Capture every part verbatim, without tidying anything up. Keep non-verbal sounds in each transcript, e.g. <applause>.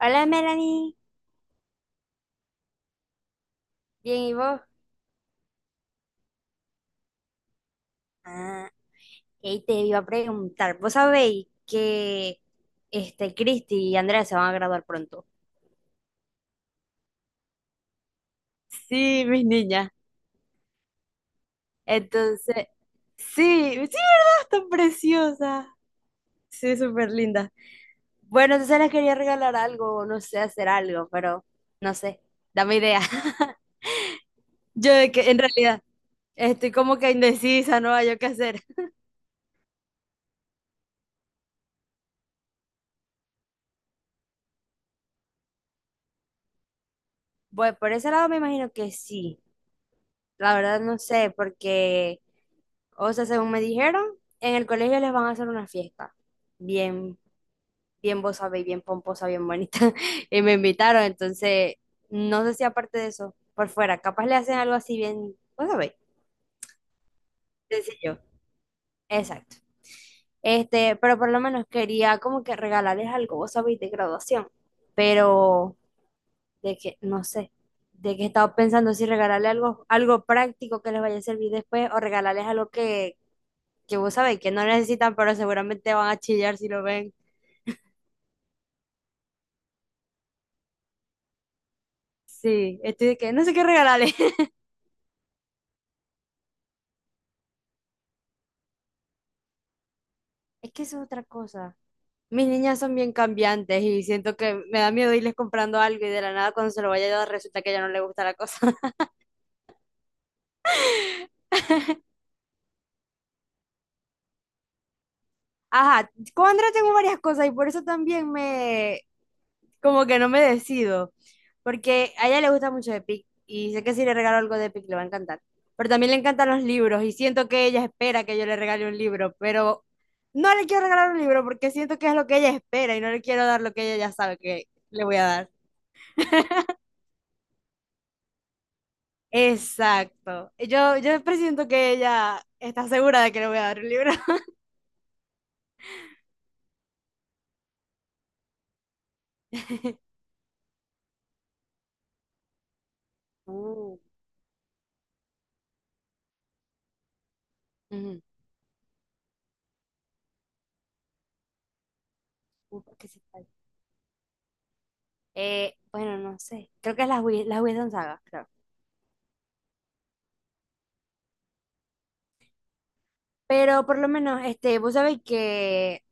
Hola Melanie, bien y vos. Ah, y te iba a preguntar, ¿vos sabéis que este Cristi y Andrea se van a graduar pronto? Sí, mis niñas. Entonces, sí, sí, ¿verdad? Están preciosas. Sí, súper lindas. Bueno, entonces les quería regalar algo, no sé, hacer algo, pero no sé, dame idea. <laughs> Yo de que en realidad estoy como que indecisa, no hay yo qué hacer. Bueno, por ese lado me imagino que sí. La verdad no sé, porque o sea, según me dijeron, en el colegio les van a hacer una fiesta. Bien, bien vos sabéis, bien pomposa, bien bonita. <laughs> Y me invitaron, entonces, no sé si aparte de eso, por fuera, capaz le hacen algo así bien, vos sabéis, sencillo. Exacto. Este, pero por lo menos quería como que regalarles algo, vos sabéis, de graduación. Pero de que, no sé, de que estaba pensando si regalarle algo, algo práctico que les vaya a servir después o regalarles algo que, que vos sabéis que no necesitan, pero seguramente van a chillar si lo ven. Sí, estoy de que no sé qué regalarle. <laughs> Es que eso es otra cosa. Mis niñas son bien cambiantes y siento que me da miedo irles comprando algo y de la nada cuando se lo vaya a dar resulta que ya no le gusta la cosa. <laughs> Ajá, con Andrea tengo varias cosas y por eso también me, como que no me decido, porque a ella le gusta mucho Epic y sé que si le regalo algo de Epic le va a encantar, pero también le encantan los libros y siento que ella espera que yo le regale un libro, pero no le quiero regalar un libro porque siento que es lo que ella espera y no le quiero dar lo que ella ya sabe que le voy a dar. Exacto. Yo, yo presiento que ella está segura de que le voy a dar un libro. <laughs> Uh, ujú, uh, ¿qué se falla? Eh, bueno, no sé. Creo que es las Wis- las Wisdom Saga, creo. Pero por lo menos, este, vos sabés que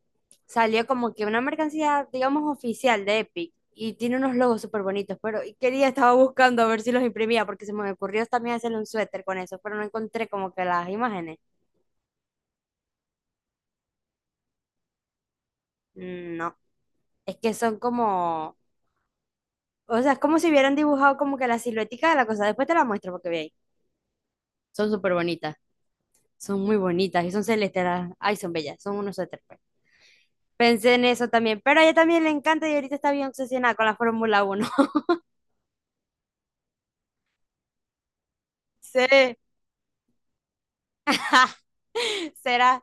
salió como que una mercancía, digamos, oficial de Epic. Y tiene unos logos súper bonitos, pero y quería, estaba buscando a ver si los imprimía, porque se me ocurrió también hacerle un suéter con eso, pero no encontré como que las imágenes. Mm, no, es que son como o sea, es como si hubieran dibujado como que la siluética de la cosa. Después te la muestro porque veis. Son súper bonitas. Son muy bonitas y son celestes. las- Ay, son bellas. Son unos suéteres, pues. Pensé en eso también. Pero a ella también le encanta y ahorita está bien obsesionada con la Fórmula uno. <laughs> Sí. <laughs> Será.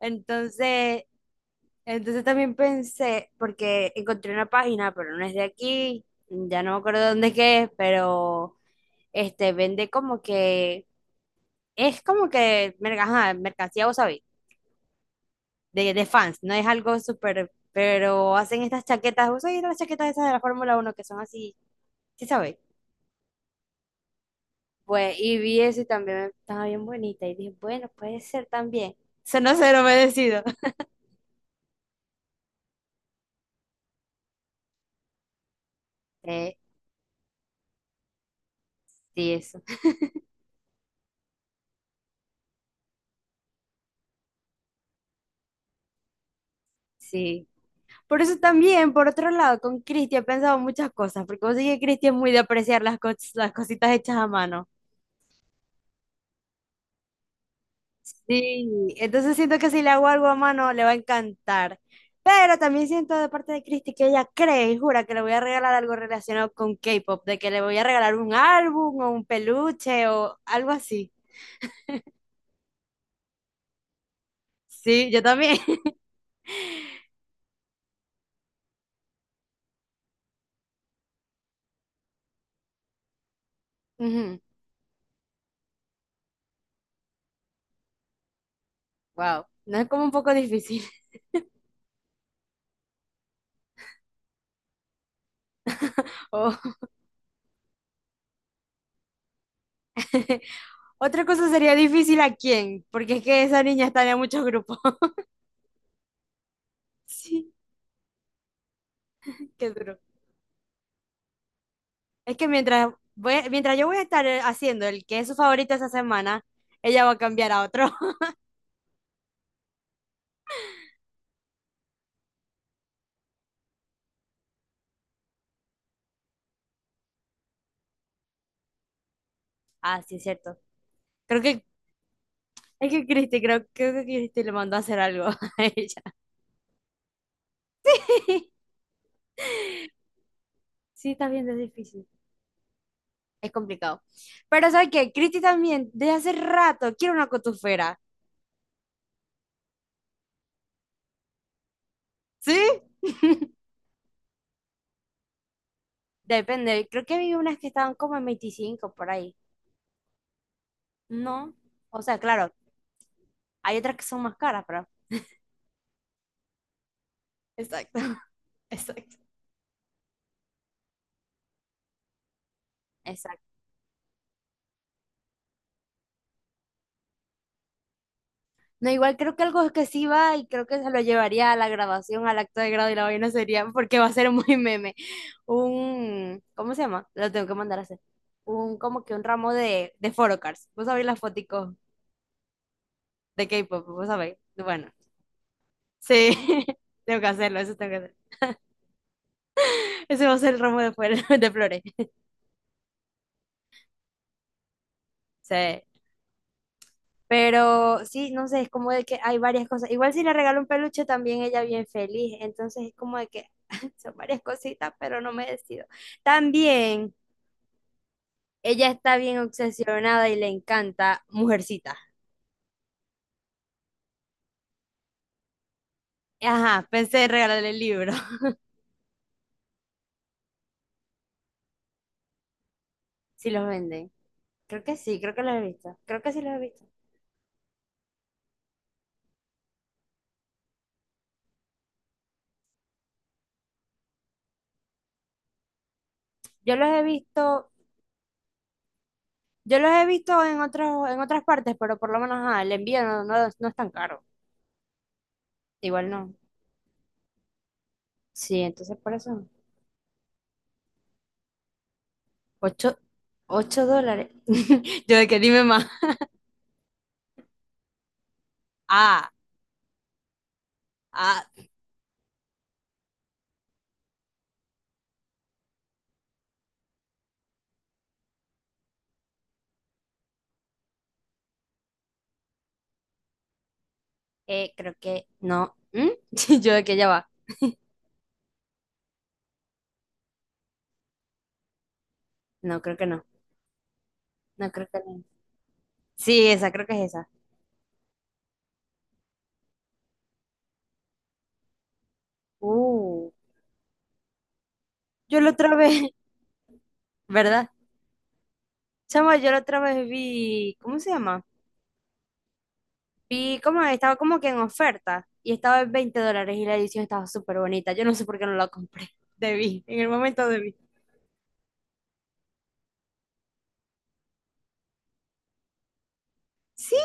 Entonces, entonces también pensé, porque encontré una página, pero no es de aquí. Ya no me acuerdo dónde es que es, pero este vende como que. Es como que merca- ajá, mercancía, vos sabés de, de fans, no es algo súper, pero hacen estas chaquetas, ¿vos sabés las chaquetas esas de la Fórmula uno que son así? ¿Sí sabéis? Pues, y vi eso y también estaba bien bonita y dije, bueno, puede ser también. Sonó ser obedecido. <laughs> Eh, sí, eso, sí. Por eso también, por otro lado, con Cristi he pensado muchas cosas, porque vos sabés que Cristi es muy de apreciar las, cos- las cositas hechas a mano. Sí, entonces siento que si le hago algo a mano le va a encantar. Pero también siento de parte de Christy que ella cree y jura que le voy a regalar algo relacionado con K-pop, de que le voy a regalar un álbum o un peluche o algo así. Sí, yo también. <laughs> Ujú. Wow, no es como un poco difícil. <laughs> O- <laughs> Otra cosa sería difícil a quién, porque es que esa niña está en muchos grupos. <laughs> Sí, qué duro. Es que mientras, voy- mientras yo voy a estar eh, haciendo el que es su favorito esa semana, ella va a cambiar a otro. Ah, sí, es cierto. Creo que es que Cristi, creo, creo que Cristi le mandó a hacer algo <laughs> a ella. Sí, está bien, es difícil. Es complicado. Pero ¿sabes qué? Cristi también, desde hace rato, quiere una cotufera. ¿Sí? Depende, creo que vi unas que estaban como en veinticinco por ahí. No, o sea, claro, hay otras que son más caras, pero... Exacto, <laughs> exacto. Exacto. No, igual creo que algo que sí va y creo que se lo llevaría a la grabación, al acto de grado y la vaina sería, porque va a ser muy meme, un, ¿cómo se llama? Lo tengo que mandar a hacer. Un, como que un ramo de, de photocards. Vos sabés las foticos de K-pop, vos sabés. Bueno, sí, <laughs> tengo que hacerlo, eso tengo que hacer. Ese va a ser el ramo de, flores- <laughs> de flores. Sí. Pero sí, no sé, es como de que hay varias cosas. Igual si le regalo un peluche, también ella bien feliz. Entonces es como de que <laughs> son varias cositas, pero no me decido. También ella está bien obsesionada y le encanta Mujercita. Ajá, pensé en regalarle el libro. <laughs> Si los venden. Creo que sí, creo que los he visto. Creo que sí los he visto. Yo los he visto, yo los he visto en otros, en otras partes, pero por lo menos ajá, el envío no, no, no es tan caro. Igual no. Sí, entonces por eso, no. Ocho, ocho dólares. <laughs> Yo de que dime más. Ah, ah, eh, creo que no. ¿Mm? <laughs> Yo de que ya va. No, creo que no. No, creo que no. Sí, esa, creo que es esa. Uh, yo la otra vez, <laughs> ¿verdad? Chama, yo la otra vez vi, ¿cómo se llama? Vi como estaba como que en oferta y estaba en veinte dólares y la edición estaba súper bonita. Yo no sé por qué no la compré. <laughs> Debí, en el momento debí. Sí.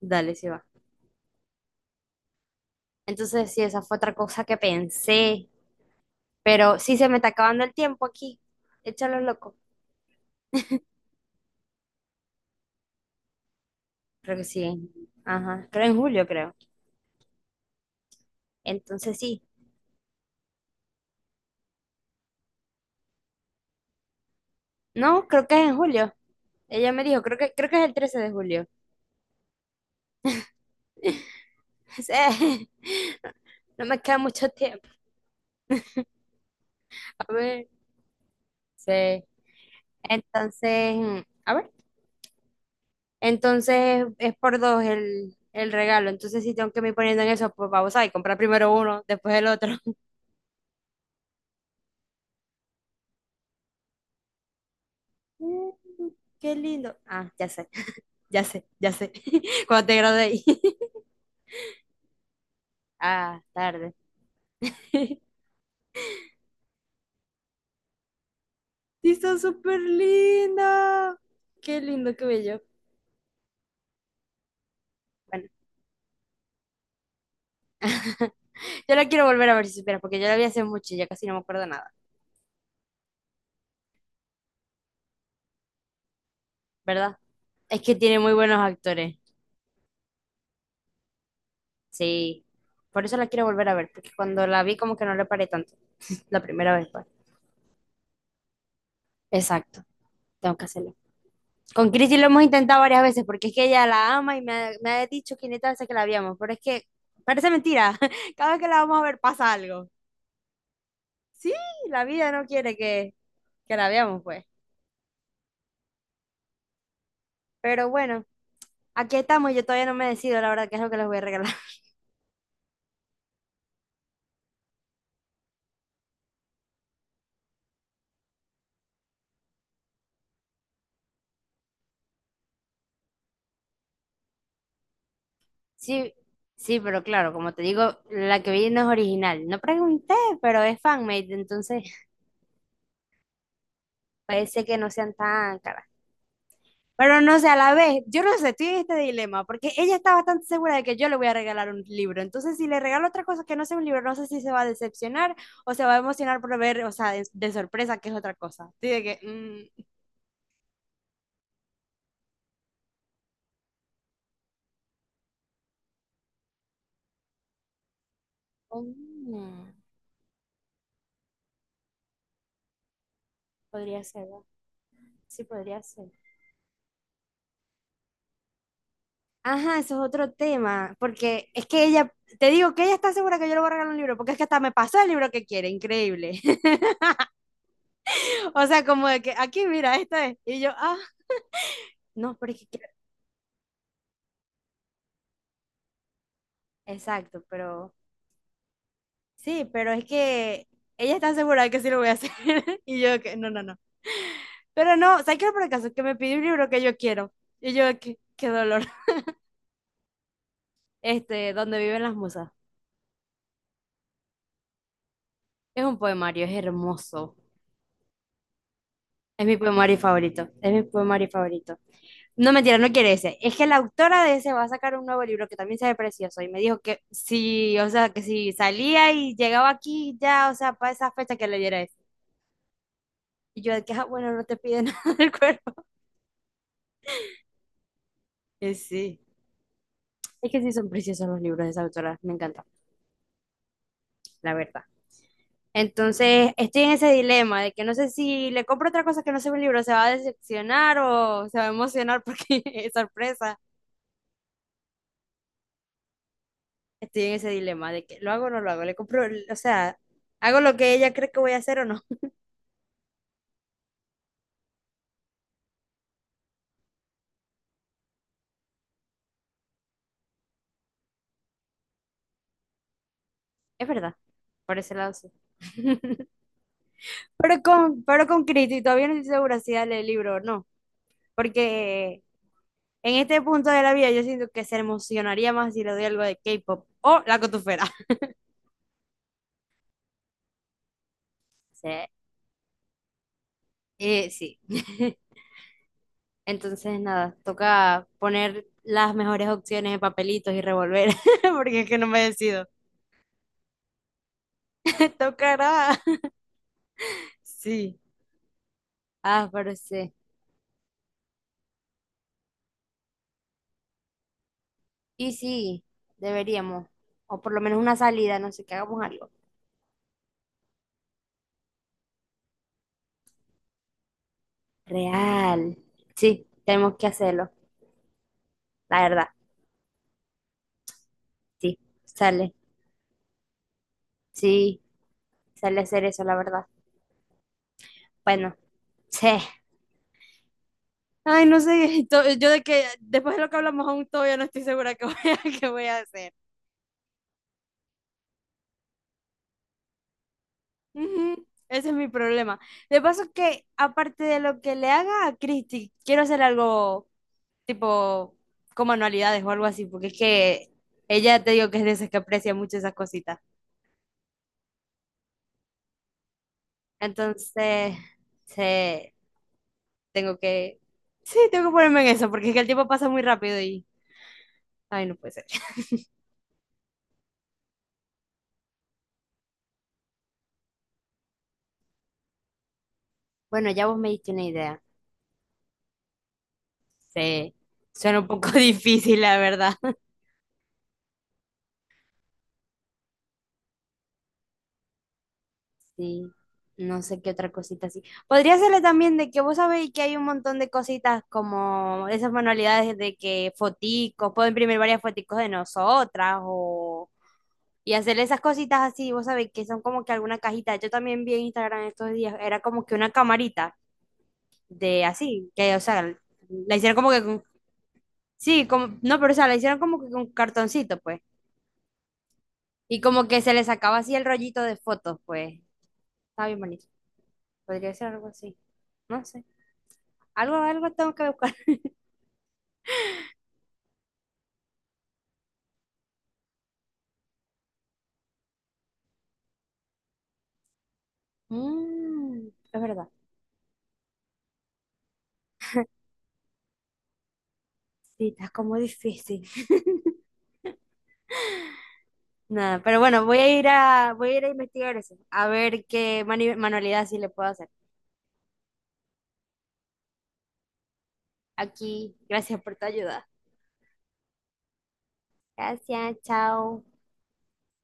Dale, sí va. Entonces, sí, esa fue otra cosa que pensé. Pero sí se me está acabando el tiempo aquí. Échalo loco. Creo que sí. Ajá. Creo en julio, creo. Entonces sí. No, creo que es en julio. Ella me dijo, creo que, creo que es el trece de julio. <laughs> Sí. No me queda mucho tiempo. A ver. Sí. Entonces, mm, a ver. Entonces es por dos el, el regalo. Entonces sí tengo que me ir poniendo en eso, pues vamos a comprar primero uno, después el otro. <laughs> Mm, qué lindo. Ah, ya sé, ya sé, ya sé. <laughs> Cuando te gradué. <laughs> Ah, tarde. Sí, está súper linda. Qué lindo cabello. Bueno, yo la quiero volver a ver si supieras, porque yo la vi hace mucho y ya casi no me acuerdo nada, ¿verdad? Es que tiene muy buenos actores. Sí. Por eso la quiero volver a ver, porque cuando la vi como que no le paré tanto. La primera vez, pues. Exacto, tengo que hacerlo. Con Cristi lo hemos intentado varias veces, porque es que ella la ama y me ha, me ha dicho quinientas veces que la habíamos, pero es que parece mentira. <laughs> Cada vez que la vamos a ver pasa algo. Sí, la vida no quiere que, que la veamos, pues. Pero bueno. Aquí estamos, yo todavía no me decido, la verdad, qué es lo que les voy a regalar. <laughs> Sí, sí, pero claro, como te digo, la que vi no es original. No pregunté, pero es fanmade, entonces parece que no sean tan caras. Pero no sé, a la vez, yo no sé, estoy en este dilema, porque ella está bastante segura de que yo le voy a regalar un libro. Entonces, si le regalo otra cosa que no sea un libro, no sé si se va a decepcionar o se va a emocionar por ver, o sea, de, de sorpresa, que es otra cosa. Estoy de que, mm, Mm, podría ser, ¿verdad? Sí, podría ser. Ajá, eso es otro tema, porque es que ella, te digo que ella está segura que yo le voy a regalar un libro, porque es que hasta me pasó el libro que quiere, increíble. <laughs> O sea, como de que aquí, mira, esto es. Y yo, ah, no, pero es que quiero- Exacto, pero sí, pero es que ella está segura de que sí lo voy a hacer. <laughs> Y yo, que no, no, no. Pero no, ¿sabes qué? Por el caso, que me pidió un libro que yo quiero. Y yo, qué, qué dolor. <laughs> Este, Donde viven las musas. Es un poemario, es hermoso. Es mi poemario favorito, es mi poemario favorito. No, mentira, no quiere ese. Es que la autora de ese va a sacar un nuevo libro que también se ve precioso y me dijo que sí, o sea, que si salía y llegaba aquí ya, o sea, para esa fecha que leyera ese. Y yo de que, ah, bueno, no te pide <laughs> nada del cuerpo. Que sí. Es que sí son preciosos los libros de esa autora, me encanta, la verdad. Entonces, estoy en ese dilema de que no sé si le compro otra cosa que no sea un libro, se va a decepcionar o se va a emocionar porque <laughs> es sorpresa. Estoy en ese dilema de que lo hago o no lo hago, le compro, o sea, hago lo que ella cree que voy a hacer o no. Es verdad, por ese lado sí. Pero con, pero con Cristo, y todavía no estoy segura si darle el libro o no, porque en este punto de la vida yo siento que se emocionaría más si le doy algo de K-pop o la cotufera. Sí, eh, sí. <laughs> Entonces, nada, toca poner las mejores opciones en papelitos y revolver, <laughs> porque es que no me decido. Me tocará. <laughs> Sí. Ah, pero sí. Y sí, deberíamos, o por lo menos una salida, no sé, que hagamos algo. Real. Sí, tenemos que hacerlo, la verdad. Sí, sale. Sí, sale hacer eso, la verdad. Bueno, sí. Ay, no sé, <laughs> to- yo de que después de lo que hablamos aún todavía no estoy segura que voy a, <laughs> qué voy a hacer. Ujú. Ese es mi problema. De paso que, aparte de lo que le haga a Christy, quiero hacer algo tipo como anualidades o algo así, porque es que ella te digo que es de esas que aprecia mucho esas cositas. Entonces, sí. Tengo que, sí, tengo que ponerme en eso, porque es que el tiempo pasa muy rápido y, ay, no puede ser. <laughs> Bueno, ya vos me diste una idea. Sí, suena un poco <laughs> difícil, la verdad. Sí, no sé qué otra cosita así. Podría serle también de que vos sabéis que hay un montón de cositas como esas manualidades de que foticos, puedo imprimir varias foticos de nosotras o... Y hacerle esas cositas así, vos sabéis que son como que alguna cajita. Yo también vi en Instagram estos días, era como que una camarita de así, que, o sea, la hicieron como que con sí, como, no, pero o sea, la hicieron como que con cartoncito, pues. Y como que se le sacaba así el rollito de fotos, pues. Está bien bonito. Podría ser algo así. No sé. Algo, algo tengo que buscar. <laughs> Mm, es verdad. Sí, está como difícil. <laughs> Nada, pero bueno, voy a ir a, voy a ir a investigar eso. A ver qué mani- manualidad sí le puedo hacer. Aquí, gracias por tu ayuda. Gracias, chao.